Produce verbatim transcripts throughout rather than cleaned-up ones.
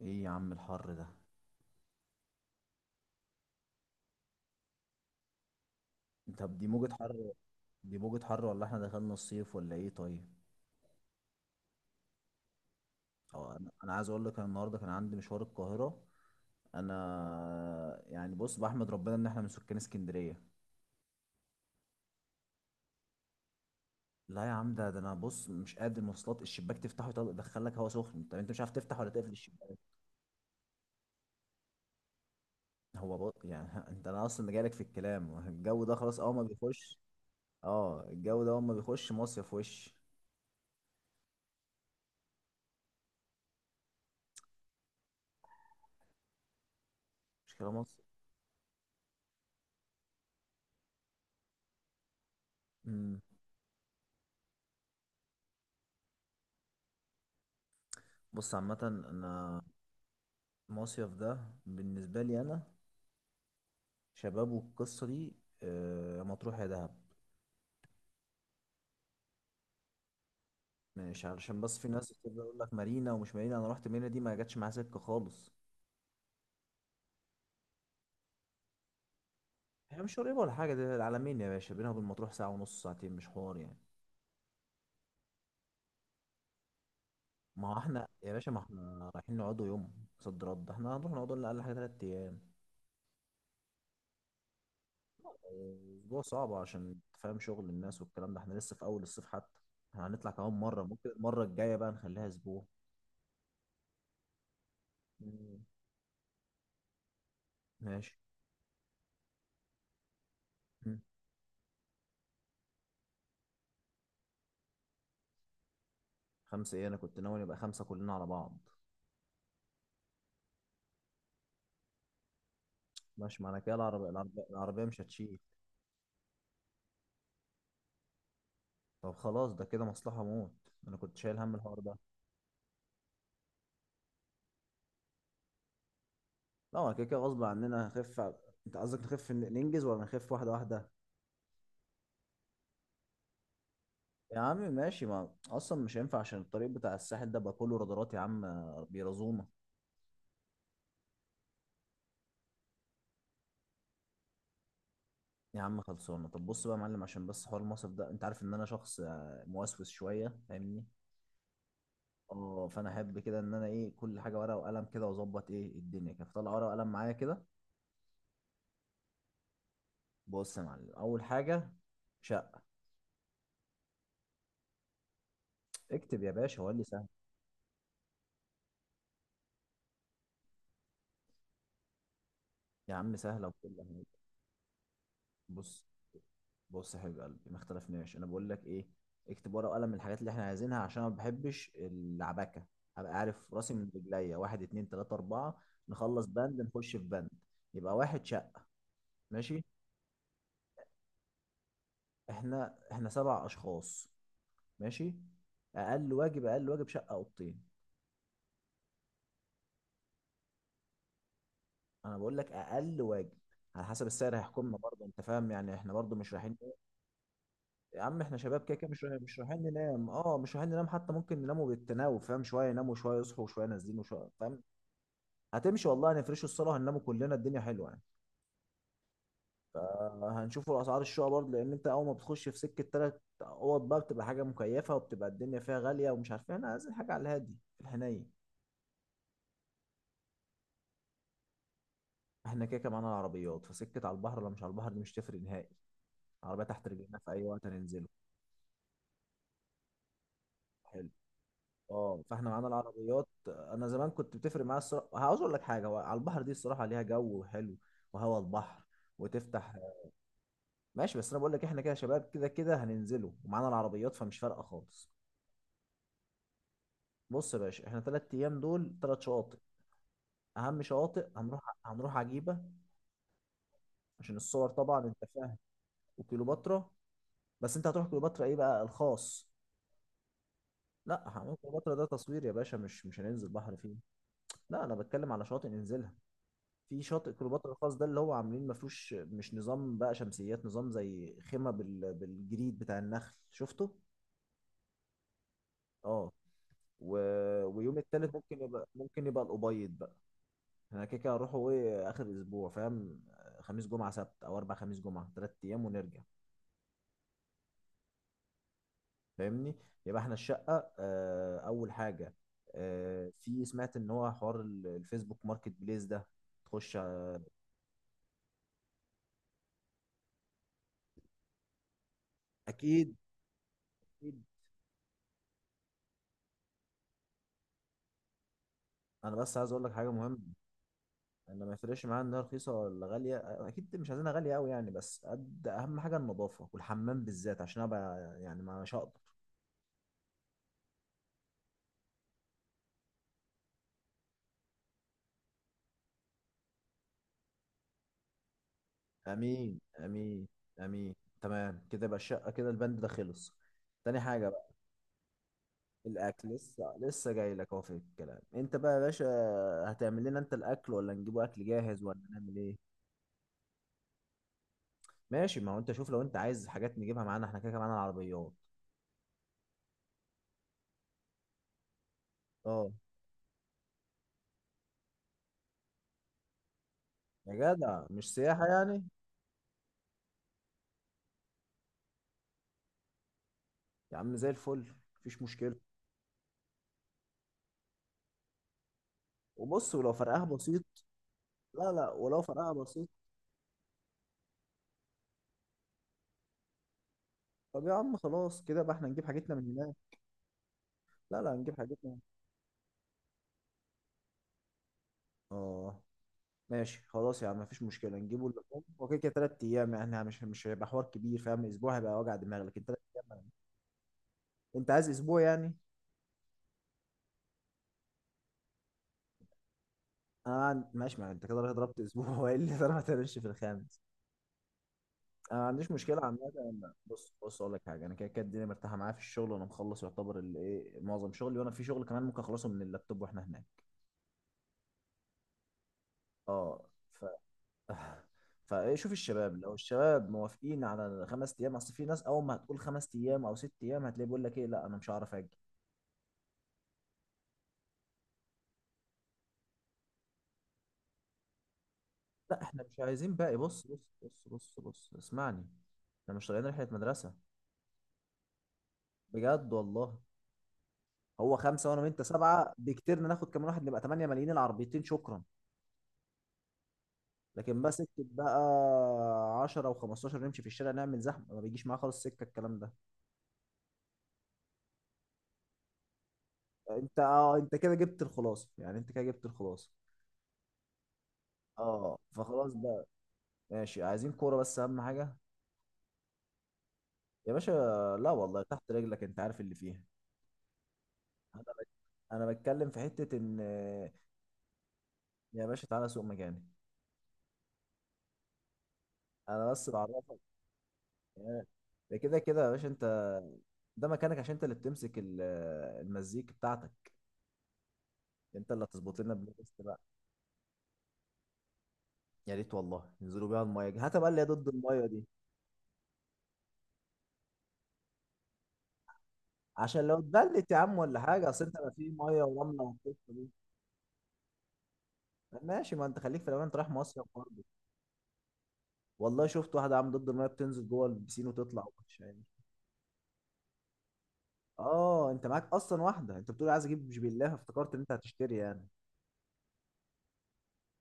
ايه يا عم الحر ده؟ طب دي موجة حر. دي موجة حر ولا احنا دخلنا الصيف ولا ايه؟ طيب، اه انا انا عايز اقول لك انا النهارده كان عندي مشوار القاهرة. انا يعني بص، بحمد ربنا ان احنا من سكان اسكندرية. لا يا عم، ده ده انا بص مش قادر، المواصلات الشباك تفتحه يطلع- يدخلك هوا سخن، طب انت مش عارف تفتح ولا تقفل الشباك. هو بص يعني انت انا اصلا جايلك في الكلام، الجو ده خلاص اول ما بيخش. اه الجو ده اول ما بيخش مصيف وش. مش كده مصيف؟ امم بص، عامة انا المصيف ده بالنسبة لي أنا شباب والقصة دي، آه، مطروح يا دهب. مش علشان بس في ناس بتفضل يقول لك مارينا ومش مارينا، أنا رحت مارينا دي ما جاتش معايا سكة خالص. هي مش قريبة ولا حاجة، ده العلمين يا باشا، بينها وبين مطروح ساعة ونص، ساعتين مش حوار يعني. ما هو احنا يا باشا ما احنا رايحين نقعدوا يوم صد رد، احنا هنروح نقعدوا لنا أقل حاجة تلات أيام. أسبوع صعب عشان تفهم شغل الناس والكلام ده، احنا لسه في أول الصيف حتى. احنا هنطلع كمان مرة، ممكن المرة الجاية بقى نخليها أسبوع. مم. ماشي. خمسة ايه؟ انا كنت ناوي نبقى خمسة كلنا على بعض. ماشي، معنى كده العربية العربية العربية مش هتشيل. طب خلاص، ده كده مصلحة موت، انا كنت شايل هم الحوار ده. لا، هو كده كده غصب عننا هنخف ع- انت قصدك نخف ن- ننجز ولا نخف واحدة واحدة؟ يا عم ماشي، ما اصلا مش هينفع عشان الطريق بتاع الساحل ده بقى كله رادارات يا عم، آه، بيرازونا. يا عم خلصانة. طب بص بقى يا معلم، عشان بس حوار المصرف ده انت عارف ان انا شخص آه، موسوس شوية، فاهمني. اه فانا احب كده ان انا ايه، كل حاجة ورقة وقلم كده واظبط ايه الدنيا كده، فطلع ورقة وقلم معايا كده. بص يا معلم، اول حاجه شقه. اكتب يا باشا وقال لي سهل. يا عم سهله وكل حاجه. بص بص يا حبيب قلبي، ما اختلفناش، انا بقول لك ايه، اكتب ورقه وقلم الحاجات اللي احنا عايزينها عشان أنا ما بحبش العباكه. هبقى عارف راسي من رجليا، واحد اتنين تلاته اربعه، نخلص بند نخش في بند. يبقى واحد شقه. ماشي، احنا احنا سبع اشخاص، ماشي، اقل واجب، اقل واجب شقه اوضتين. انا بقول لك اقل واجب، على حسب السعر هيحكمنا برضه، انت فاهم يعني، احنا برضه مش رايحين. يا عم احنا شباب، كده كده مش رايح- مش رايحين ننام، اه مش رايحين ننام، حتى ممكن نناموا بالتناوب، فاهم؟ شويه يناموا شويه يصحوا شويه نازلين وشويه، فاهم؟ هتمشي والله، هنفرشوا الصاله هنناموا كلنا، الدنيا حلوه يعني. هنشوفوا اسعار الشقه برضه، لان انت اول ما بتخش في سكه تلات اوض بقى بتبقى حاجه مكيفه وبتبقى الدنيا فيها غاليه ومش عارف ايه، احنا عايزين حاجه على الهادي في الحنين. احنا كده كده معانا العربيات، فسكه على البحر ولا مش على البحر دي مش تفرق نهائي. العربيه تحت رجلنا في اي وقت هننزله. حلو. اه فاحنا معانا العربيات، انا زمان كنت بتفرق معايا الصراحه، عاوز اقول لك حاجه، هو على البحر دي الصراحه ليها جو حلو، وهوا البحر وتفتح. ماشي، بس انا بقول لك احنا كده شباب كده كده هننزله ومعانا العربيات، فمش فارقه خالص. بص يا باشا، احنا ثلاث ايام دول ثلاث شواطئ، اهم شواطئ هنروح هنروح عجيبه، عشان الصور طبعا انت فاهم. وكليوباترا. بس انت هتروح كليوباترا ايه بقى، الخاص؟ لا هنروح كليوباترا ده تصوير يا باشا، مش مش هننزل بحر فيه. لا انا بتكلم على شواطئ ننزلها. في شاطئ كليوباترا الخاص ده اللي هو عاملين ما فيهوش، مش نظام بقى شمسيات، نظام زي خيمة بال... بالجريد بتاع النخل، شفته؟ اه. و... ويوم التالت ممكن يبقى ممكن يبقى الأبيض بقى. احنا كده كده هنروحوا ايه، آخر الأسبوع فاهم، خميس جمعة سبت، أو أربع، خميس جمعة، تلات أيام ونرجع، فاهمني. يبقى احنا الشقة آه أول حاجة. آه في سمعت إن هو حوار ال- الفيسبوك ماركت بليس ده، تخش على-. أكيد. أكيد. أنا بس عايز أقول لك حاجة مهمة، انا ما يفرقش معايا انها رخيصه ولا غاليه، اكيد مش عايزينها غاليه قوي يعني، بس قد اهم حاجه النظافه والحمام بالذات عشان ابقى يعني، ما مش هقدر. امين، امين، امين. تمام كده بقى الشقه، كده البند ده خلص. تاني حاجه بقى، الاكل لسه لسه جاي لك اهو في الكلام، انت بقى يا باشا هتعمل لنا انت الاكل ولا نجيبه اكل جاهز ولا نعمل ايه؟ ماشي، ما هو انت شوف، لو انت عايز حاجات نجيبها معانا، احنا كده كده معانا العربيات. اه. يا جدع مش سياحه يعني. يا عم زي الفل، مفيش مشكله. وبص، ولو فرقها بسيط. لا لا، ولو فرقها بسيط، طب يا عم خلاص كده بقى احنا نجيب حاجتنا من هناك. لا لا، هنجيب حاجتنا. اه، ماشي خلاص يا عم، مفيش مشكلة، نجيبه اللحوم، هو كده كده تلات أيام يعني، احنا مش مش هيبقى حوار كبير فاهم، أسبوع هيبقى وجع دماغ، لكن تلات أيام يعني. أنت عايز أسبوع يعني؟ أنا ما عن- ماشي، ما أنت كده رايح ضربت أسبوع وإيه اللي ضربت، هتمشي في الخامس. أنا ما عنديش مشكلة عامة، أنا- بص بص أقول لك حاجة، أنا كده كده الدنيا مرتاحة معايا في الشغل وأنا مخلص يعتبر الإيه، معظم شغلي، وأنا في شغل كمان ممكن أخلصه من اللابتوب وإحنا هناك. اه. فشوف الشباب، لو الشباب موافقين على الخمس ايام، اصل في ناس اول ما هتقول خمس ايام او ست ايام هتلاقيه بيقول لك ايه لا انا مش هعرف اجي. لا احنا مش عايزين باقي، بص، بص، بص، بص، بص اسمعني، احنا مش طالعين رحله مدرسه، بجد والله. هو خمسه وانا وانت سبعه، بكتير ناخد كمان واحد نبقى 8 ملايين، العربيتين شكرا. لكن بقى سكه بقى عشرة وخمستاشر و15 نمشي في الشارع نعمل زحمه، ما بيجيش معاه خالص سكه الكلام ده. انت اه انت كده جبت الخلاصه يعني، انت كده جبت الخلاصه. اه فخلاص بقى، ماشي، عايزين كورة بس أهم حاجة. يا باشا، لا والله تحت رجلك، أنت عارف اللي فيها. أنا بك... أنا بتكلم في حتة إن، يا باشا تعالى سوق مكاني. أنا بس بعرفك، ده كده كده يا باشا أنت، ده مكانك عشان أنت اللي بتمسك ال- المزيك بتاعتك، أنت اللي هتظبط لنا بلاي ليست بقى. يا ريت والله، ينزلوا بيها المية دي، هات بقى اللي هي ضد المية دي، عشان لو اتبلت يا عم ولا حاجة، أصل أنت ما في مية ورملة والقصة دي. ماشي، ما أنت خليك في الأمان، أنت رايح مصيف برضه. والله شفت واحده عامله ضد الميه بتنزل جوه البسين وتطلع، ومش يعني. اه انت معاك اصلا واحده، انت بتقول عايز اجيب، مش بالله افتكرت ان انت هتشتري يعني.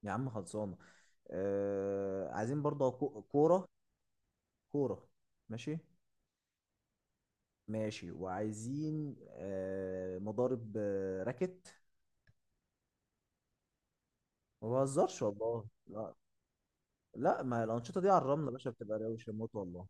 يا عم خلصانه. آه عايزين برضه كو- كوره، كوره. ماشي. ماشي. وعايزين آه مضارب، آه راكت. ما بهزرش والله، لا. لا ما هي الانشطه دي على الرمله يا باشا بتبقى روشه موت والله.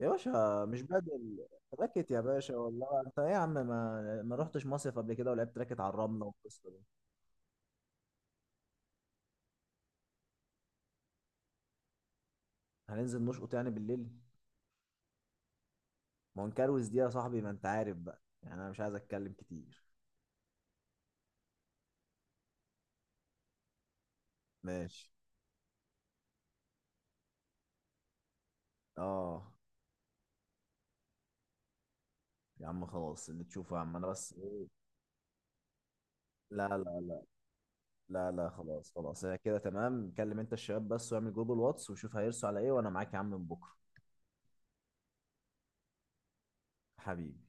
يا باشا مش بدل، راكت يا باشا، والله انت ايه يا عم، ما ما رحتش مصيف قبل كده ولعبت راكت على الرمله والقصه دي؟ هننزل نشقط يعني بالليل. ما هو نكروز دي يا صاحبي، ما انت عارف بقى يعني، انا مش عايز اتكلم كتير. ماشي. اه. يا عم خلاص اللي تشوفه يا عم، انا بس ايه. لا لا لا. لا لا، خلاص خلاص، هي كده تمام، كلم انت الشباب بس واعمل جروب الواتس وشوف هيرسوا على ايه، وانا معاك يا عم من بكره. حبيبي.